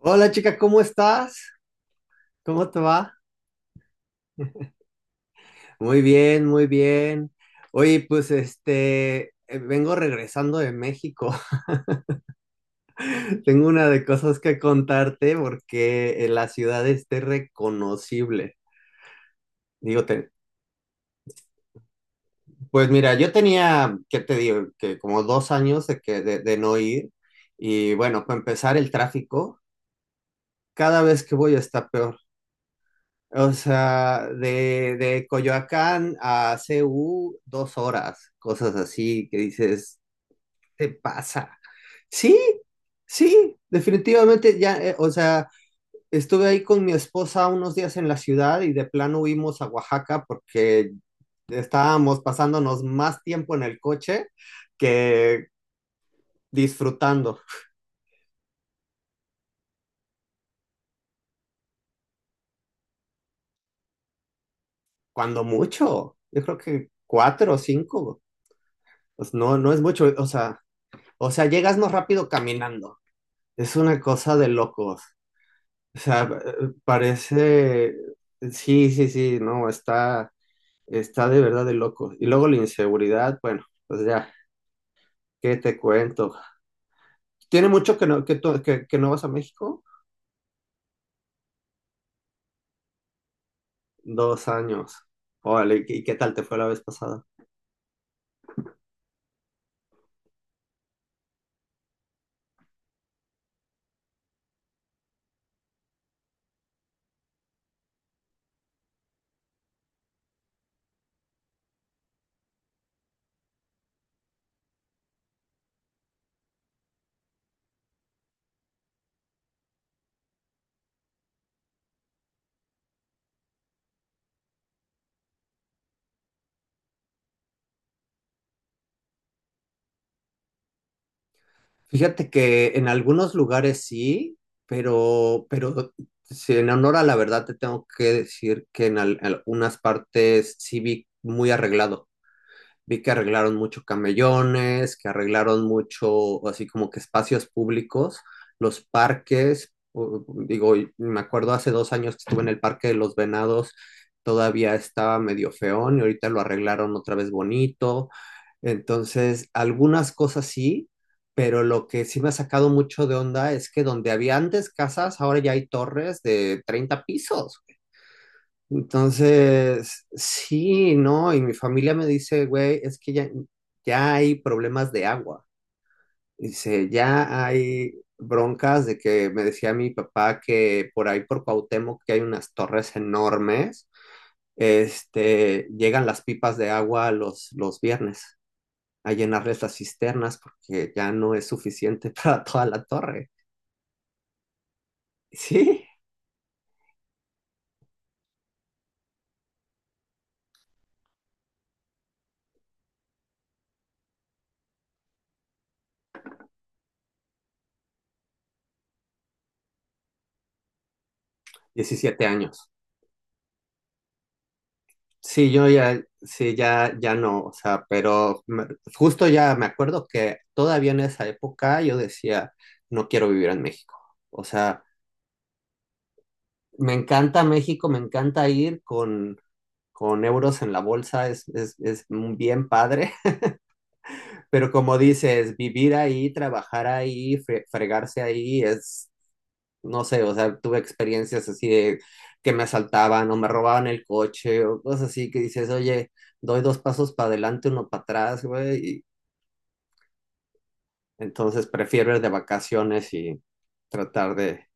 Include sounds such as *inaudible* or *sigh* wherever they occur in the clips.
Hola chica, ¿cómo estás? ¿Cómo te va? Muy bien, muy bien. Oye, pues este, vengo regresando de México. *laughs* Tengo una de cosas que contarte porque la ciudad esté reconocible. Digo, pues mira, yo tenía, ¿qué te digo? Que como 2 años de no ir. Y bueno, para empezar, el tráfico cada vez que voy está peor. O sea, de Coyoacán a CU, 2 horas, cosas así que dices, ¿te pasa? Sí, sí, definitivamente ya, o sea, estuve ahí con mi esposa unos días en la ciudad y de plano huimos a Oaxaca porque estábamos pasándonos más tiempo en el coche que disfrutando. Cuando mucho, yo creo que cuatro o cinco, pues no, no es mucho, o sea, llegas más rápido caminando. Es una cosa de locos. O sea, parece, sí, sí, sí, no, está de verdad de locos. Y luego la inseguridad, bueno, pues ya, ¿qué te cuento? ¿Tiene mucho que no, que, tú- que no vas a México? 2 años. Órale, ¿y qué tal te fue la vez pasada? Fíjate que en algunos lugares sí, pero si en honor a la verdad te tengo que decir que en algunas partes sí vi muy arreglado. Vi que arreglaron mucho camellones, que arreglaron mucho, así como que espacios públicos, los parques, digo, y me acuerdo hace 2 años que estuve en el Parque de los Venados, todavía estaba medio feón y ahorita lo arreglaron otra vez bonito. Entonces, algunas cosas sí, pero lo que sí me ha sacado mucho de onda es que donde había antes casas, ahora ya hay torres de 30 pisos. Entonces, sí, no, y mi familia me dice, güey, es que ya, ya hay problemas de agua. Dice, ya hay broncas de que me decía mi papá que por ahí por Cuauhtémoc que hay unas torres enormes, este, llegan las pipas de agua los viernes a llenarles las cisternas porque ya no es suficiente *laughs* para toda la torre. Sí, 17 años. Sí, yo ya, sí, ya, ya no, o sea, pero justo ya me acuerdo que todavía en esa época yo decía, no quiero vivir en México. O sea, me encanta México, me encanta ir con euros en la bolsa, es bien padre, *laughs* pero como dices, vivir ahí, trabajar ahí, fregarse ahí, es, no sé, o sea, tuve experiencias así de que me asaltaban o me robaban el coche o cosas así que dices, oye, doy dos pasos para adelante, uno para atrás, güey, y entonces prefiero ir de vacaciones y tratar de,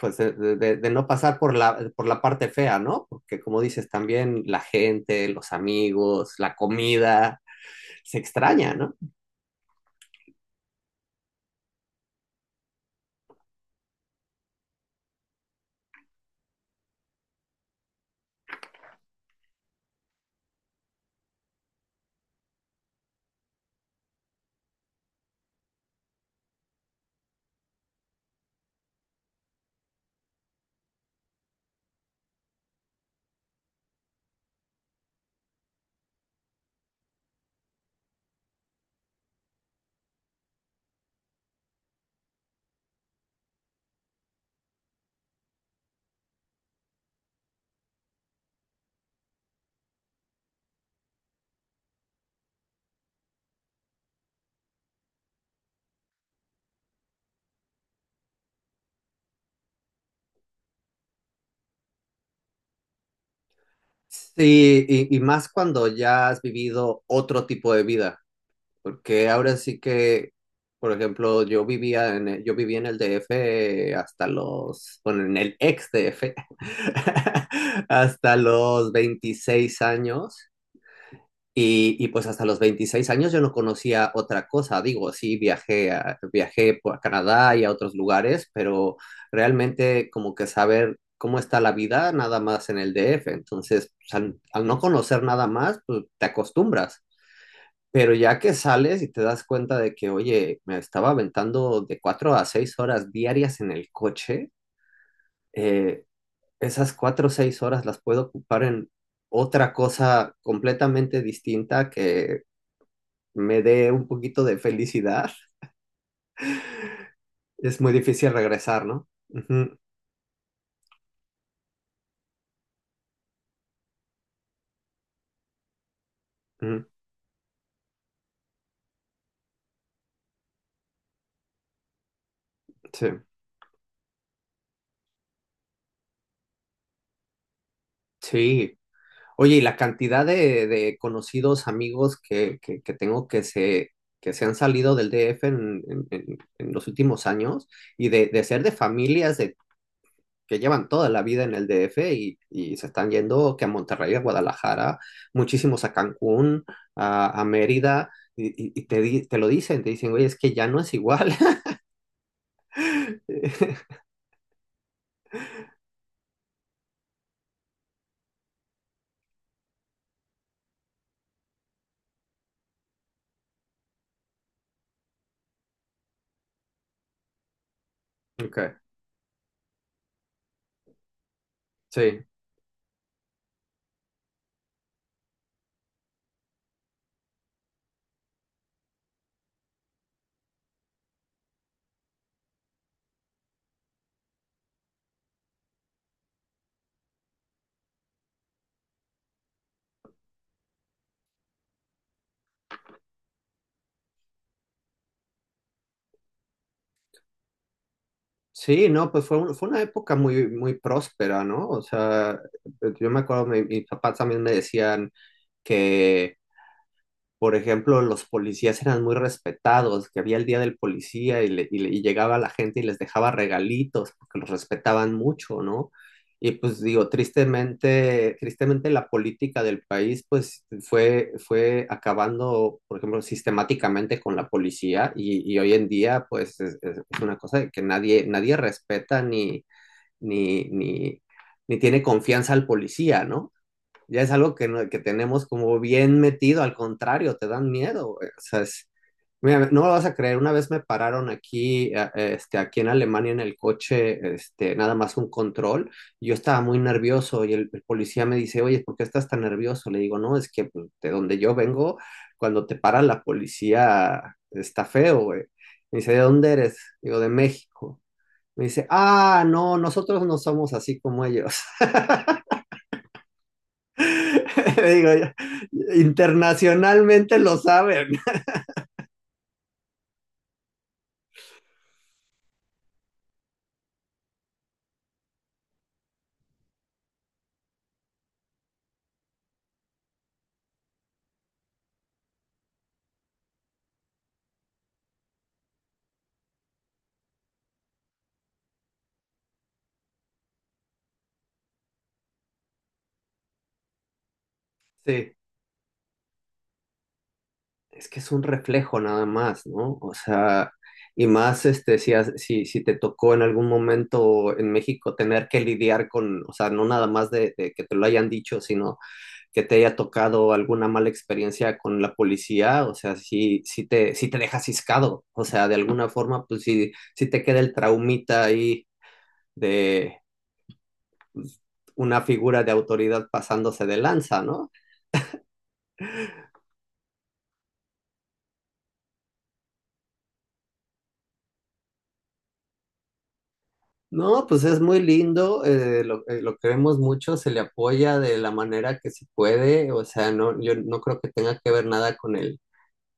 pues, de no pasar por la parte fea, ¿no? Porque como dices, también la gente, los amigos, la comida, se extraña, ¿no? Sí, y más cuando ya has vivido otro tipo de vida. Porque ahora sí que, por ejemplo, yo viví en el DF bueno, en el ex DF, *laughs* hasta los 26 años. Y pues hasta los 26 años yo no conocía otra cosa. Digo, sí, viajé a, viajé por- a Canadá y a otros lugares, pero realmente como que saber cómo está la vida nada más en el DF. Entonces, pues, al no conocer nada más, pues te acostumbras. Pero ya que sales y te das cuenta de que, oye, me estaba aventando de 4 a 6 horas diarias en el coche, eh, esas 4 o 6 horas las puedo ocupar en otra cosa completamente distinta que me dé un poquito de felicidad. Es muy difícil regresar, ¿no? Ujú, ujú, sí. Sí, oye, y la cantidad de conocidos, amigos que tengo que se han salido del DF en los últimos años y de ser de que llevan toda la vida en el DF y se están yendo que a Monterrey, a Guadalajara, muchísimos a Cancún, a Mérida, y te, di- te lo dicen, te dicen, oye, es que ya no es igual. *laughs* Ok, sí. Sí, no, pues fue una época muy, muy próspera, ¿no? O sea, yo me acuerdo, mis papás también me decían que por ejemplo, los policías eran muy respetados, que había el día del policía y llegaba la gente y les dejaba regalitos porque los respetaban mucho, ¿no? Y pues digo, tristemente, tristemente la política del país pues fue acabando, por ejemplo, sistemáticamente con la policía y hoy en día pues es una cosa de que nadie, nadie respeta ni, ni, ni tiene confianza al policía, ¿no? Ya es algo que, no- que tenemos como bien metido, al contrario, te dan miedo, güey. O sea, mira, no lo vas a creer, una vez me pararon aquí, este, aquí en Alemania en el coche, este, nada más un control, y yo estaba muy nervioso y el policía me dice, oye, ¿por qué estás tan nervioso? Le digo, no, es que pues, de donde yo vengo, cuando te para la policía está feo, güey. Me dice, ¿de dónde eres? Digo, de México. Me dice, ah, no, nosotros no somos así como ellos. *laughs* Digo, internacionalmente lo saben. Sí, es que es un reflejo nada más, ¿no? O sea, y más este, si te tocó en algún momento en México tener que lidiar con, o sea, no nada más de que te lo hayan dicho, sino que te haya tocado alguna mala experiencia con la policía, o sea, si te deja ciscado, o sea, de alguna forma, pues sí, si te queda el traumita ahí de, pues, una figura de autoridad pasándose de lanza, ¿no? No, pues es muy lindo, lo queremos mucho, se le apoya de la manera que se puede, o sea, no, yo no creo que tenga que ver nada con el,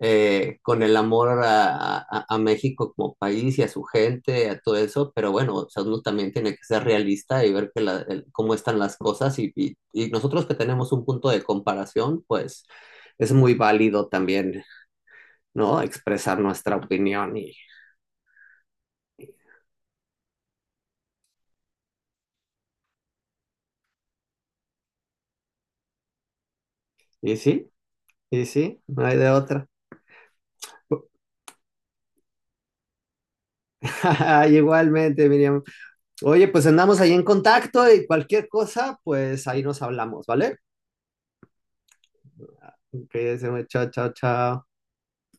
eh, con el amor a México como país y a su gente, a todo eso, pero bueno, o sea, uno también tiene que ser realista y ver que cómo están las cosas y nosotros que tenemos un punto de comparación, pues es muy válido también, ¿no? Expresar nuestra opinión y sí. Y sí, no hay de otra. *laughs* Ay, igualmente, Miriam. Oye, pues andamos ahí en contacto y cualquier cosa, pues ahí nos hablamos, ¿vale? Que se me chao, chao, chao.